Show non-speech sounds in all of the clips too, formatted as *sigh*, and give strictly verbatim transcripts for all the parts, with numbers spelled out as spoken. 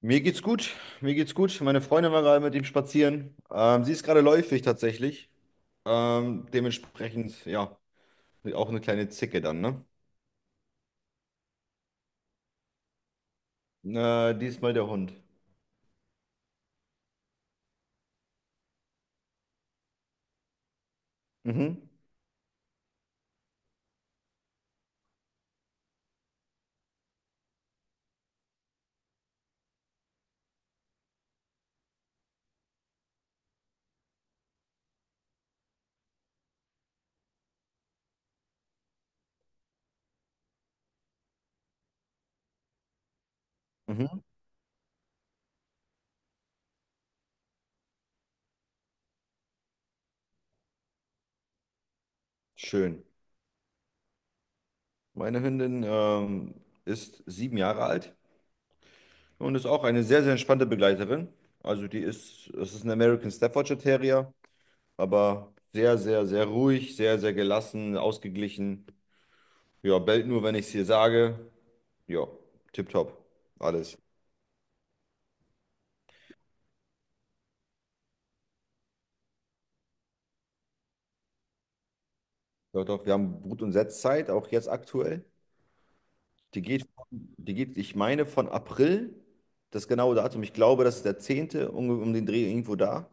Mir geht's gut, mir geht's gut. Meine Freundin war gerade mit ihm spazieren. Ähm, sie ist gerade läufig tatsächlich. Ähm, dementsprechend, ja, auch eine kleine Zicke dann, ne? Äh, diesmal der Hund. Mhm, mhm. Schön. Meine Hündin ähm, ist sieben Jahre alt und ist auch eine sehr, sehr entspannte Begleiterin. Also die ist, es ist ein American Staffordshire Terrier, aber sehr, sehr, sehr ruhig, sehr, sehr gelassen, ausgeglichen. Ja, bellt nur, wenn ich es ihr sage. Ja, tipptopp. Alles. Doch, doch, wir haben Brut- und Setzzeit, auch jetzt aktuell. Die geht, von- die geht, ich meine, von April, das genaue Datum, ich glaube, das ist der zehnte um, um den Dreh irgendwo da,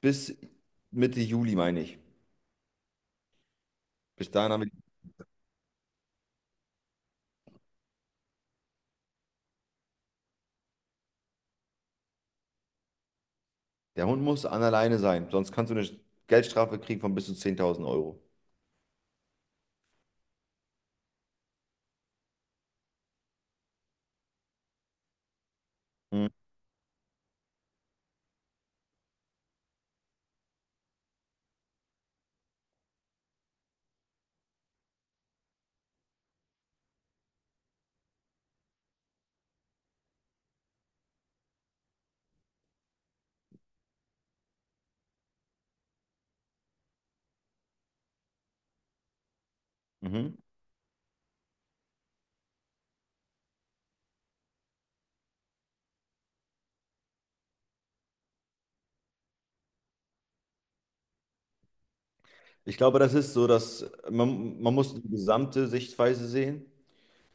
bis Mitte Juli, meine ich. Bis dahin haben wir, der Hund muss an alleine sein, sonst kannst du eine Geldstrafe kriegen von bis zu zehntausend Euro. Mhm. Mhm. Ich glaube, das ist so, dass man, man muss die gesamte Sichtweise sehen,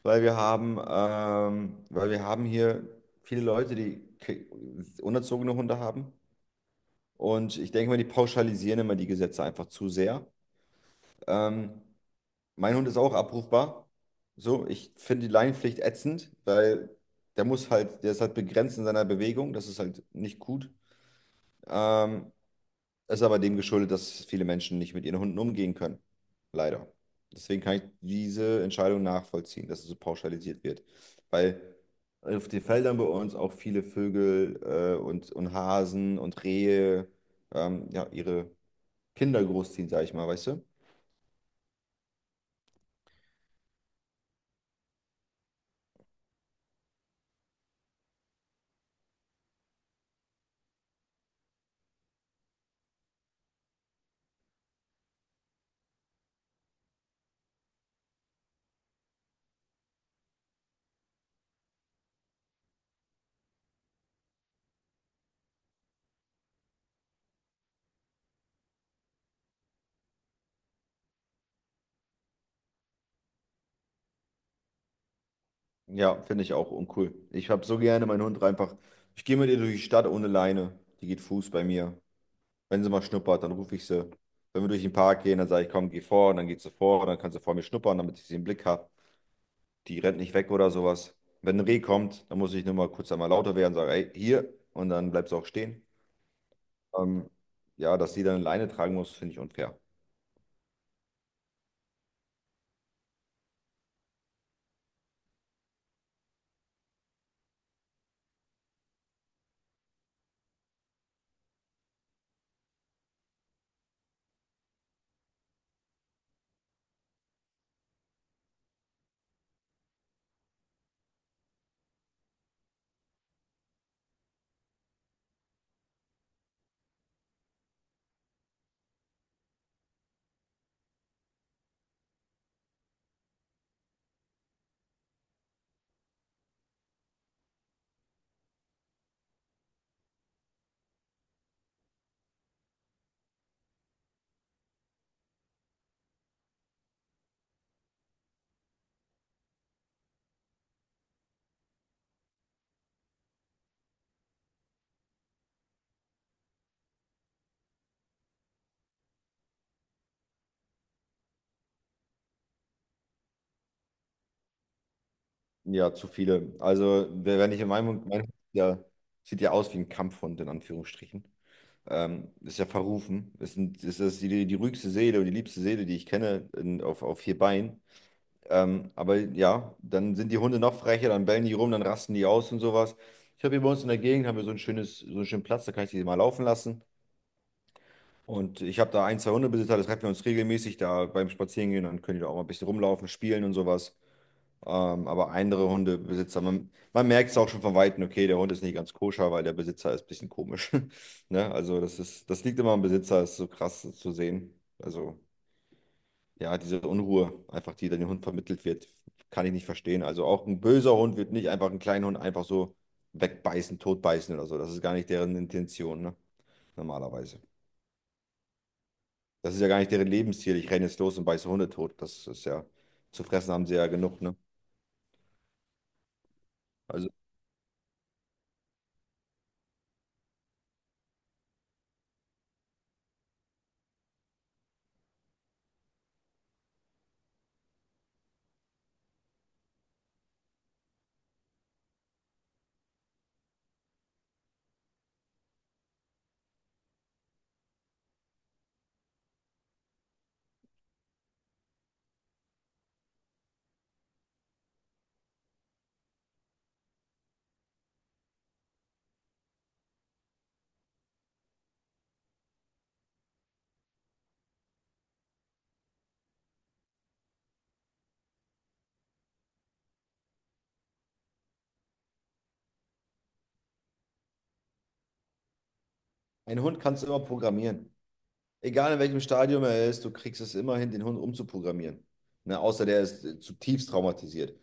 weil wir haben, ähm, weil wir haben hier viele Leute, die ke- unerzogene Hunde haben. Und ich denke mal, die pauschalisieren immer die Gesetze einfach zu sehr. Ähm, Mein Hund ist auch abrufbar. So, ich finde die Leinenpflicht ätzend, weil der muss halt, der ist halt begrenzt in seiner Bewegung. Das ist halt nicht gut. Ähm, Ist aber dem geschuldet, dass viele Menschen nicht mit ihren Hunden umgehen können. Leider. Deswegen kann ich diese Entscheidung nachvollziehen, dass es so pauschalisiert wird. Weil auf den Feldern bei uns auch viele Vögel äh, und, und Hasen und Rehe ähm, ja, ihre Kinder großziehen, sag ich mal, weißt du? Ja, finde ich auch uncool. Ich habe so gerne meinen Hund einfach. Ich gehe mit ihr durch die Stadt ohne Leine. Die geht Fuß bei mir. Wenn sie mal schnuppert, dann rufe ich sie. Wenn wir durch den Park gehen, dann sage ich, komm, geh vor. Und dann geht sie vor. Und dann kann sie vor mir schnuppern, damit ich sie im Blick habe. Die rennt nicht weg oder sowas. Wenn ein Reh kommt, dann muss ich nur mal kurz einmal lauter werden und sage, ey, hier. Und dann bleibt sie auch stehen. Ähm, ja, dass sie dann eine Leine tragen muss, finde ich unfair. Ja, zu viele. Also, wer- wenn ich in meinem, mein Hund, der sieht ja aus wie ein Kampfhund, in Anführungsstrichen. Ähm, ist ja verrufen. Ist, ein, ist das die, die ruhigste Seele und die liebste Seele, die ich kenne in, auf, auf vier Beinen. Ähm, aber ja, dann sind die Hunde noch frecher, dann bellen die rum, dann rasten die aus und sowas. Ich habe hier bei uns in der Gegend haben wir so ein schönes, so einen schönen Platz, da kann ich die mal laufen lassen. Und ich habe da ein, zwei Hundebesitzer, das treffen wir uns regelmäßig da beim Spazierengehen, dann können die da auch mal ein bisschen rumlaufen, spielen und sowas. Ähm, aber andere Hundebesitzer, man, man merkt es auch schon von Weitem, okay, der Hund ist nicht ganz koscher, weil der Besitzer ist ein bisschen komisch. *laughs* Ne? Also das ist, das liegt immer am Besitzer, ist so krass zu sehen. Also ja, diese Unruhe, einfach die dann dem Hund vermittelt wird, kann ich nicht verstehen. Also auch ein böser Hund wird nicht einfach einen kleinen Hund einfach so wegbeißen, totbeißen oder so. Das ist gar nicht deren Intention, ne? Normalerweise. Das ist ja gar nicht deren Lebensziel. Ich renne jetzt los und beiße Hunde tot. Das ist ja, zu fressen haben sie ja genug, ne? Also einen Hund kannst du immer programmieren. Egal in welchem Stadium er ist, du kriegst es immer hin, den Hund umzuprogrammieren. Ne? Außer der ist äh, zutiefst traumatisiert.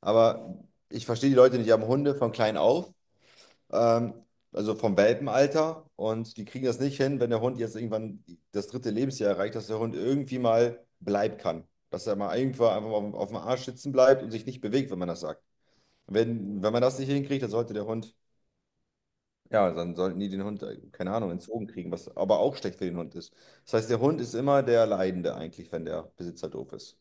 Aber ich verstehe die Leute nicht, die haben Hunde von klein auf, ähm, also vom Welpenalter, und die kriegen das nicht hin, wenn der Hund jetzt irgendwann das dritte Lebensjahr erreicht, dass der Hund irgendwie mal bleiben kann. Dass er mal irgendwann einfach mal auf, auf dem Arsch sitzen bleibt und sich nicht bewegt, wenn man das sagt. Wenn, wenn man das nicht hinkriegt, dann sollte der Hund ja, dann sollten die den Hund, äh, keine Ahnung, entzogen kriegen, was aber auch schlecht für den Hund ist. Das heißt, der Hund ist immer der Leidende eigentlich, wenn der Besitzer doof ist.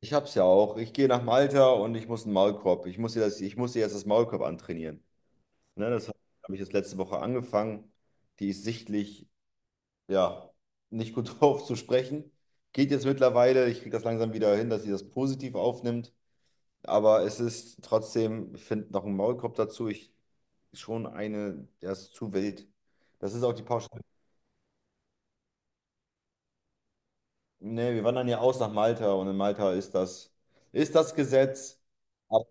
Ich hab's ja auch. Ich gehe nach Malta und ich muss einen Maulkorb. Ich muss ihr das, ich muss ihr jetzt das Maulkorb antrainieren. Ne, das habe ich jetzt letzte Woche angefangen. Die ist sichtlich, ja, nicht gut *laughs* drauf zu sprechen. Geht jetzt mittlerweile. Ich kriege das langsam wieder hin, dass sie das positiv aufnimmt. Aber es ist trotzdem, ich finde noch ein Maulkorb dazu, ich schon eine, der ist zu wild. Das ist auch die Pauschale. Nee, wir wandern ja aus nach Malta und in Malta ist das, ist das Gesetz. Ab,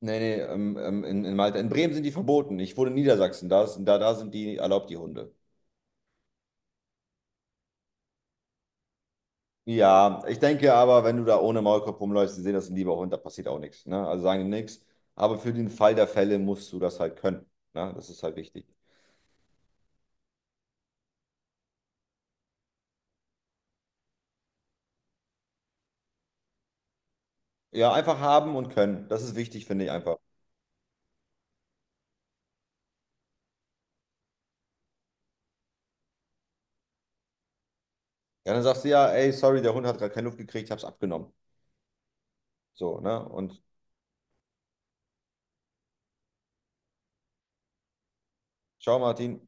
nee, nee, ähm, ähm, in, in Malta. In Bremen sind die verboten. Ich wohne in Niedersachsen, da, ist, da, da sind die erlaubt, die Hunde. Ja, ich denke aber, wenn du da ohne Maulkorb rumläufst, die sehen das ein lieber Hund, da passiert auch nichts. Ne? Also sagen die nichts. Aber für den Fall der Fälle musst du das halt können. Ne? Das ist halt wichtig. Ja, einfach haben und können. Das ist wichtig, finde ich einfach. Ja, dann sagst du ja, ey, sorry, der Hund hat gerade keine Luft gekriegt, ich hab's abgenommen. So, ne? Und ciao, Martin.